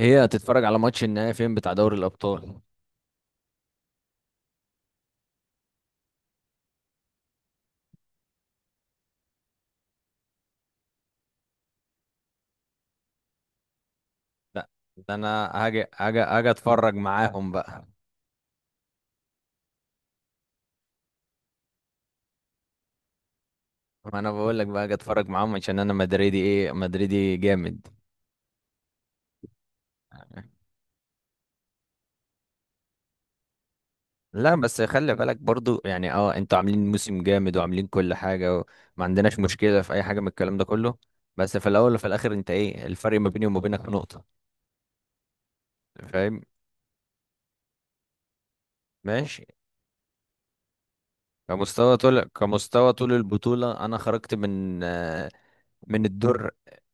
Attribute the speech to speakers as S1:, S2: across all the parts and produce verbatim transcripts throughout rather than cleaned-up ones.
S1: هي هتتفرج على ماتش النهائي فين بتاع دوري الابطال؟ لا، ده انا هاجي هاجي هاجي اتفرج معاهم بقى. ما انا بقول لك بقى هاجي اتفرج معاهم عشان انا مدريدي، ايه، مدريدي جامد. لا بس خلي بالك برضو يعني اه انتوا عاملين موسم جامد وعاملين كل حاجة، وما عندناش مشكلة في اي حاجة من الكلام ده كله. بس في الاول وفي الاخر انت ايه الفرق ما بيني وما بينك؟ نقطة. فاهم. ماشي. كمستوى طول كمستوى طول البطولة، انا خرجت من من الدور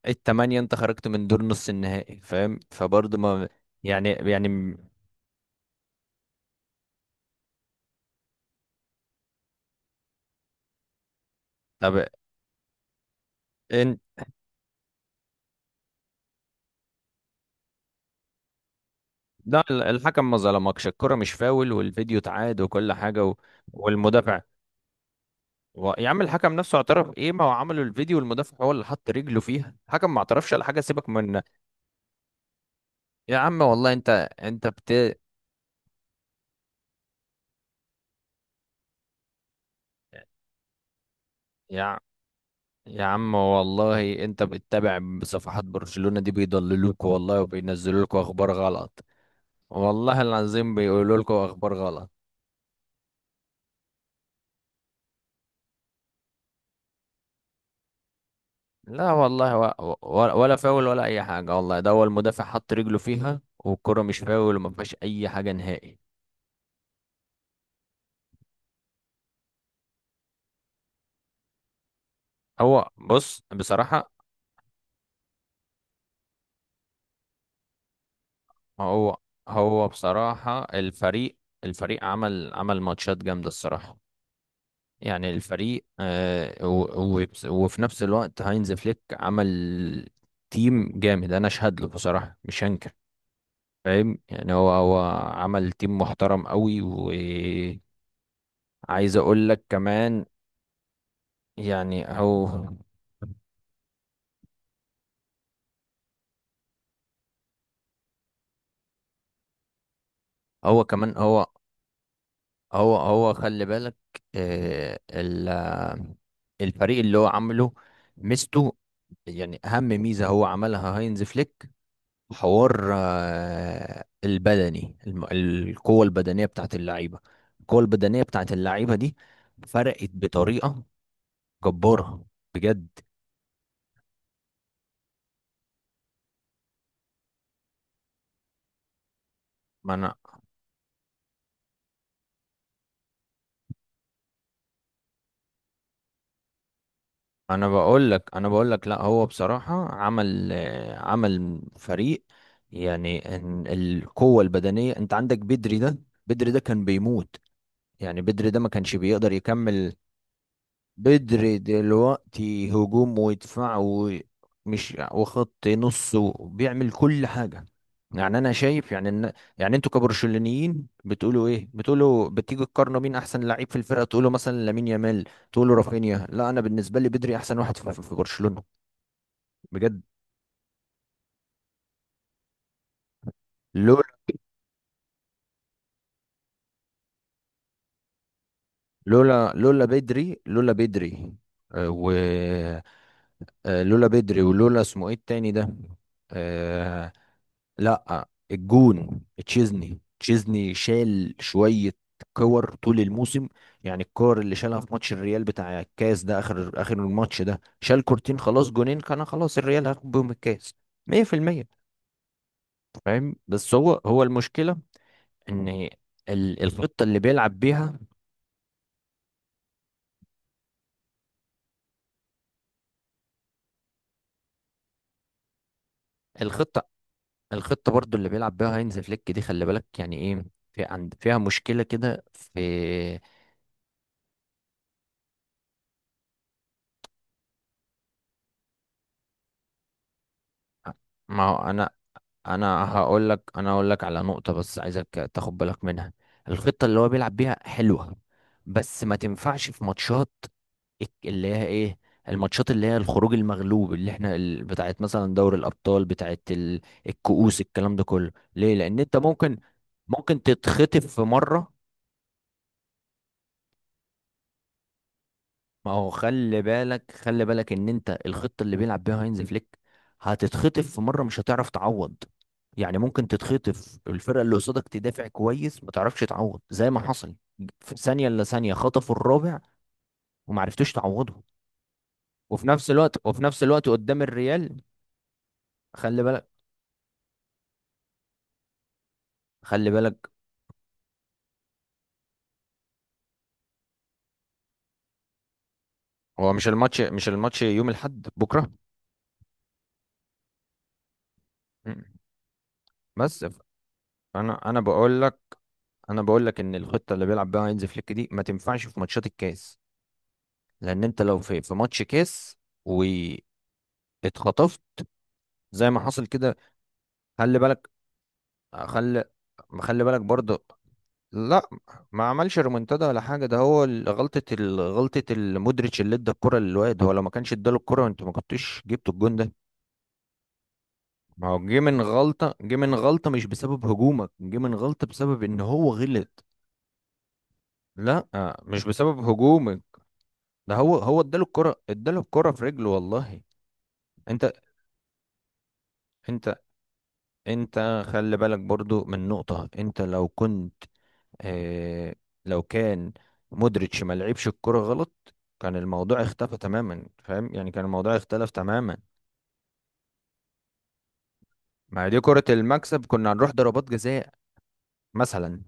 S1: التمانية، انت خرجت من دور نص النهائي، فاهم، فبرضه ما يعني يعني م- طب. انت، لا، ال- الحكم ما ظلمكش، الكرة مش فاول، والفيديو اتعاد وكل حاجة و... والمدافع و... يا عم الحكم نفسه اعترف ايه؟ ما هو عملوا الفيديو والمدافع هو اللي حط رجله فيها، الحكم ما اعترفش على حاجة، سيبك من. يا عم والله انت، انت بت يا يا عم والله انت بتتابع صفحات برشلونة دي، بيضللوك والله، وبينزلوا لكم اخبار غلط، والله العظيم بيقولوا لكم اخبار غلط. لا والله و... و- ولا فاول ولا اي حاجه والله، ده هو المدافع حط رجله فيها، والكره مش فاول وما فيهاش اي حاجه نهائي. هو بص بصراحه، هو هو بصراحه الفريق الفريق عمل عمل ماتشات جامده الصراحه. يعني الفريق آه و... و... وفي نفس الوقت هاينز فليك عمل تيم جامد، انا اشهد له بصراحه، مش هنكر. فاهم يعني هو هو عمل تيم محترم قوي، و عايز اقول لك كمان. يعني هو هو كمان هو هو هو خلي بالك، آه، ال- آه، الفريق اللي هو عامله، ميزته، يعني اهم ميزة هو عملها هاينز فليك، حوار آه، البدني الم- القوة البدنية بتاعت اللعيبة، القوة البدنية بتاعت اللعيبة دي فرقت بطريقة جبارة، بجد. ما انا انا بقول لك، انا بقول لك لا، هو بصراحة عمل آه، عمل فريق، يعني إن القوة البدنية، انت عندك بدري ده، بدري ده كان بيموت، يعني بدري ده ما كانش بيقدر يكمل. بدري دلوقتي هجوم ويدفع ومش وخط نص وبيعمل كل حاجة، يعني انا شايف يعني ان، يعني انتوا كبرشلونيين بتقولوا ايه؟ بتقولوا بتيجوا تقارنوا مين احسن لعيب في الفرقه، تقولوا مثلا لامين يامال، تقولوا رافينيا. لا، انا بالنسبه لي بدري احسن واحد في, في برشلونه، بجد. لولا لولا لولا بدري، لولا بدري، آه، و آه، لولا بدري، ولولا اسمه ايه التاني ده، آه، لا الجون، تشيزني تشيزني شال شوية كور طول الموسم، يعني الكور اللي شالها في ماتش الريال بتاع الكاس ده، اخر اخر الماتش ده شال كورتين خلاص، جونين كان خلاص الريال هياخد بيهم الكاس، مية في المية. فاهم، بس هو هو المشكلة ان ال- الخطة اللي بيلعب بيها، الخطة، الخطة برضو اللي بيلعب بيها هينز فليك دي خلي بالك يعني ايه، في عند فيها مشكلة كده في، ما هو انا انا هقول لك انا هقول لك على نقطة بس، عايزك تاخد بالك منها. الخطة اللي هو بيلعب بيها حلوة، بس ما تنفعش في ماتشات الك- اللي هي ايه، الماتشات اللي هي الخروج المغلوب، اللي احنا ال- بتاعت مثلا دوري الابطال، بتاعت ال- الكؤوس، الكلام ده كله. ليه؟ لان انت ممكن، ممكن تتخطف في مرة. ما هو خلي بالك، خلي بالك، ان انت الخطه اللي بيلعب بيها هاينز فليك هتتخطف في مره، مش هتعرف تعوض، يعني ممكن تتخطف، الفرقه اللي قصادك تدافع كويس، ما تعرفش تعوض، زي ما حصل في ثانيه الا ثانيه خطفوا الرابع، وما عرفتوش تعوضه. وفي نفس الوقت وفي نفس الوقت قدام الريال، خلي بالك، خلي بالك، هو مش الماتش، مش الماتش يوم الاحد بكره. م. بس ف- انا انا بقول لك، انا بقول لك ان الخطه اللي بيلعب بيها هاينز فليك دي ما تنفعش في ماتشات الكاس، لان انت لو في في ماتش كاس واتخطفت زي ما حصل كده، خلي بالك، خلي خلي بالك برضه. لا، ما عملش ريمونتادا ولا حاجه، ده هو ال- غلطه ال- غلطه المودريتش اللي ادى الكره للواد، هو لو ما كانش اداله الكره انت ما كنتش جبت الجون ده. ما هو جه من غلطه، جه من غلطه مش بسبب هجومك، جه من غلطه بسبب ان هو غلط. لا، مش بسبب هجومك، ده هو هو اداله الكره، اداله الكره في رجله والله. انت انت انت خلي بالك برضو من نقطة، انت لو كنت، اه، لو كان مودريتش ما لعبش الكرة غلط كان الموضوع اختفى تماما، فاهم يعني كان الموضوع اختلف تماما. ما هي دي كرة المكسب، كنا هنروح ضربات جزاء مثلا.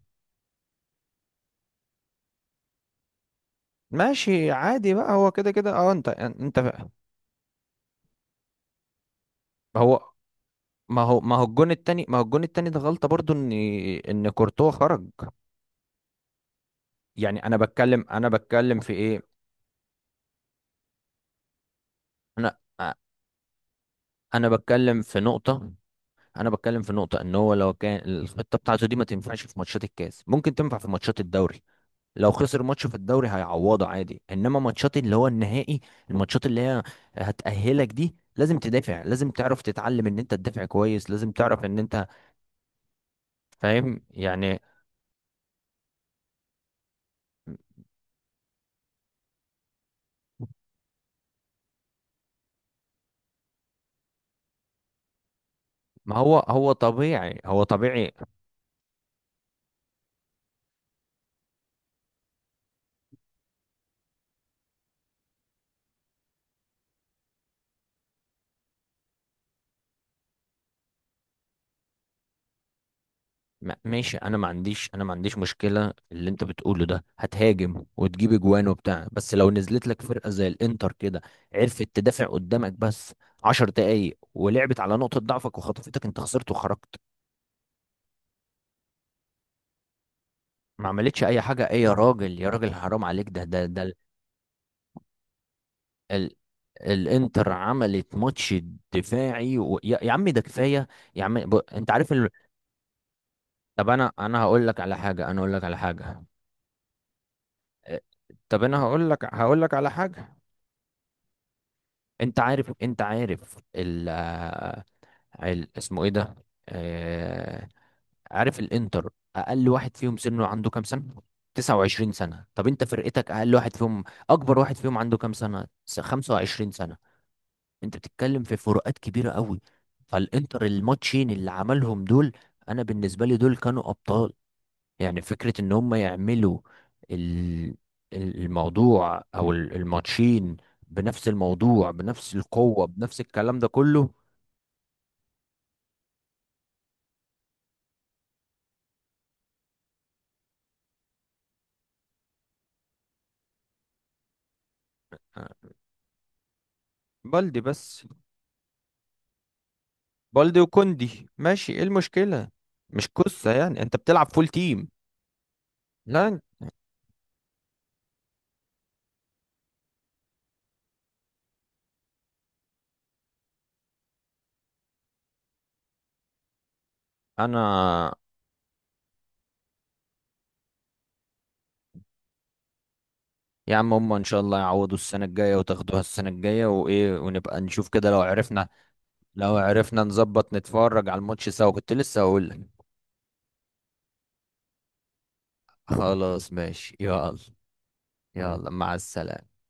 S1: ماشي عادي بقى، هو كده كده، اه انت انت ما هو، ما هو ما هو الجون التاني، ما هو الجون التاني ده غلطة برضو، ان ان كورتوا خرج، يعني انا بتكلم انا بتكلم في ايه، انا انا بتكلم في نقطة، انا بتكلم في نقطه، ان هو لو كان الخطه بتاعته دي ما تنفعش في ماتشات الكاس، ممكن تنفع في ماتشات الدوري، لو خسر ماتش في الدوري هيعوضه عادي، انما ماتشات اللي هو النهائي، الماتشات اللي هي هتأهلك دي لازم تدافع، لازم تعرف تتعلم ان انت تدافع كويس، لازم تعرف ان انت فاهم يعني. ما هو هو طبيعي، هو طبيعي. ما- ماشي، انا ما عنديش انا ما عنديش مشكله في اللي انت بتقوله ده، هتهاجم وتجيب اجوان وبتاع، بس لو نزلت لك فرقه زي الانتر كده عرفت تدافع قدامك بس عشر دقايق، ولعبت على نقطه ضعفك وخطفتك، انت خسرت وخرجت. ما عملتش اي حاجه ايه يا راجل، يا راجل حرام عليك، ده ده ده ال... ال... الانتر عملت ماتش دفاعي و... يا... يا عم ده كفايه، يا عم ب... انت عارف ال... طب انا انا هقول لك على حاجه، انا هقول لك على حاجه طب انا هقول لك، هقول لك على حاجه انت عارف، انت عارف ال آه، ال- اسمه ايه ده، آه، عارف الانتر، اقل واحد فيهم سنه عنده كام سنة؟ تسعة وعشرين سنة. طب انت فرقتك اقل واحد فيهم، اكبر واحد فيهم عنده كام سنة؟ س- خمسة وعشرين سنة. انت بتتكلم في فروقات كبيرة قوي، فالانتر الماتشين اللي عملهم دول انا بالنسبة لي دول كانوا ابطال، يعني فكرة ان هم يعملوا ال- الموضوع، او ال- الماتشين بنفس الموضوع بنفس القوة بنفس الكلام ده كله، آه، بلدي بس، بلدي وكوندي ماشي، ايه المشكلة؟ مش قصة يعني انت بتلعب فول تيم. لا، انا يا عم، هم ان شاء الله يعوضوا السنة الجاية وتاخدوها السنة الجاية وايه ونبقى نشوف كده لو عرفنا، لو عرفنا نظبط نتفرج على الماتش سوا، كنت لسه هقول لك. خلاص ماشي يلا. يلا مع السلامة.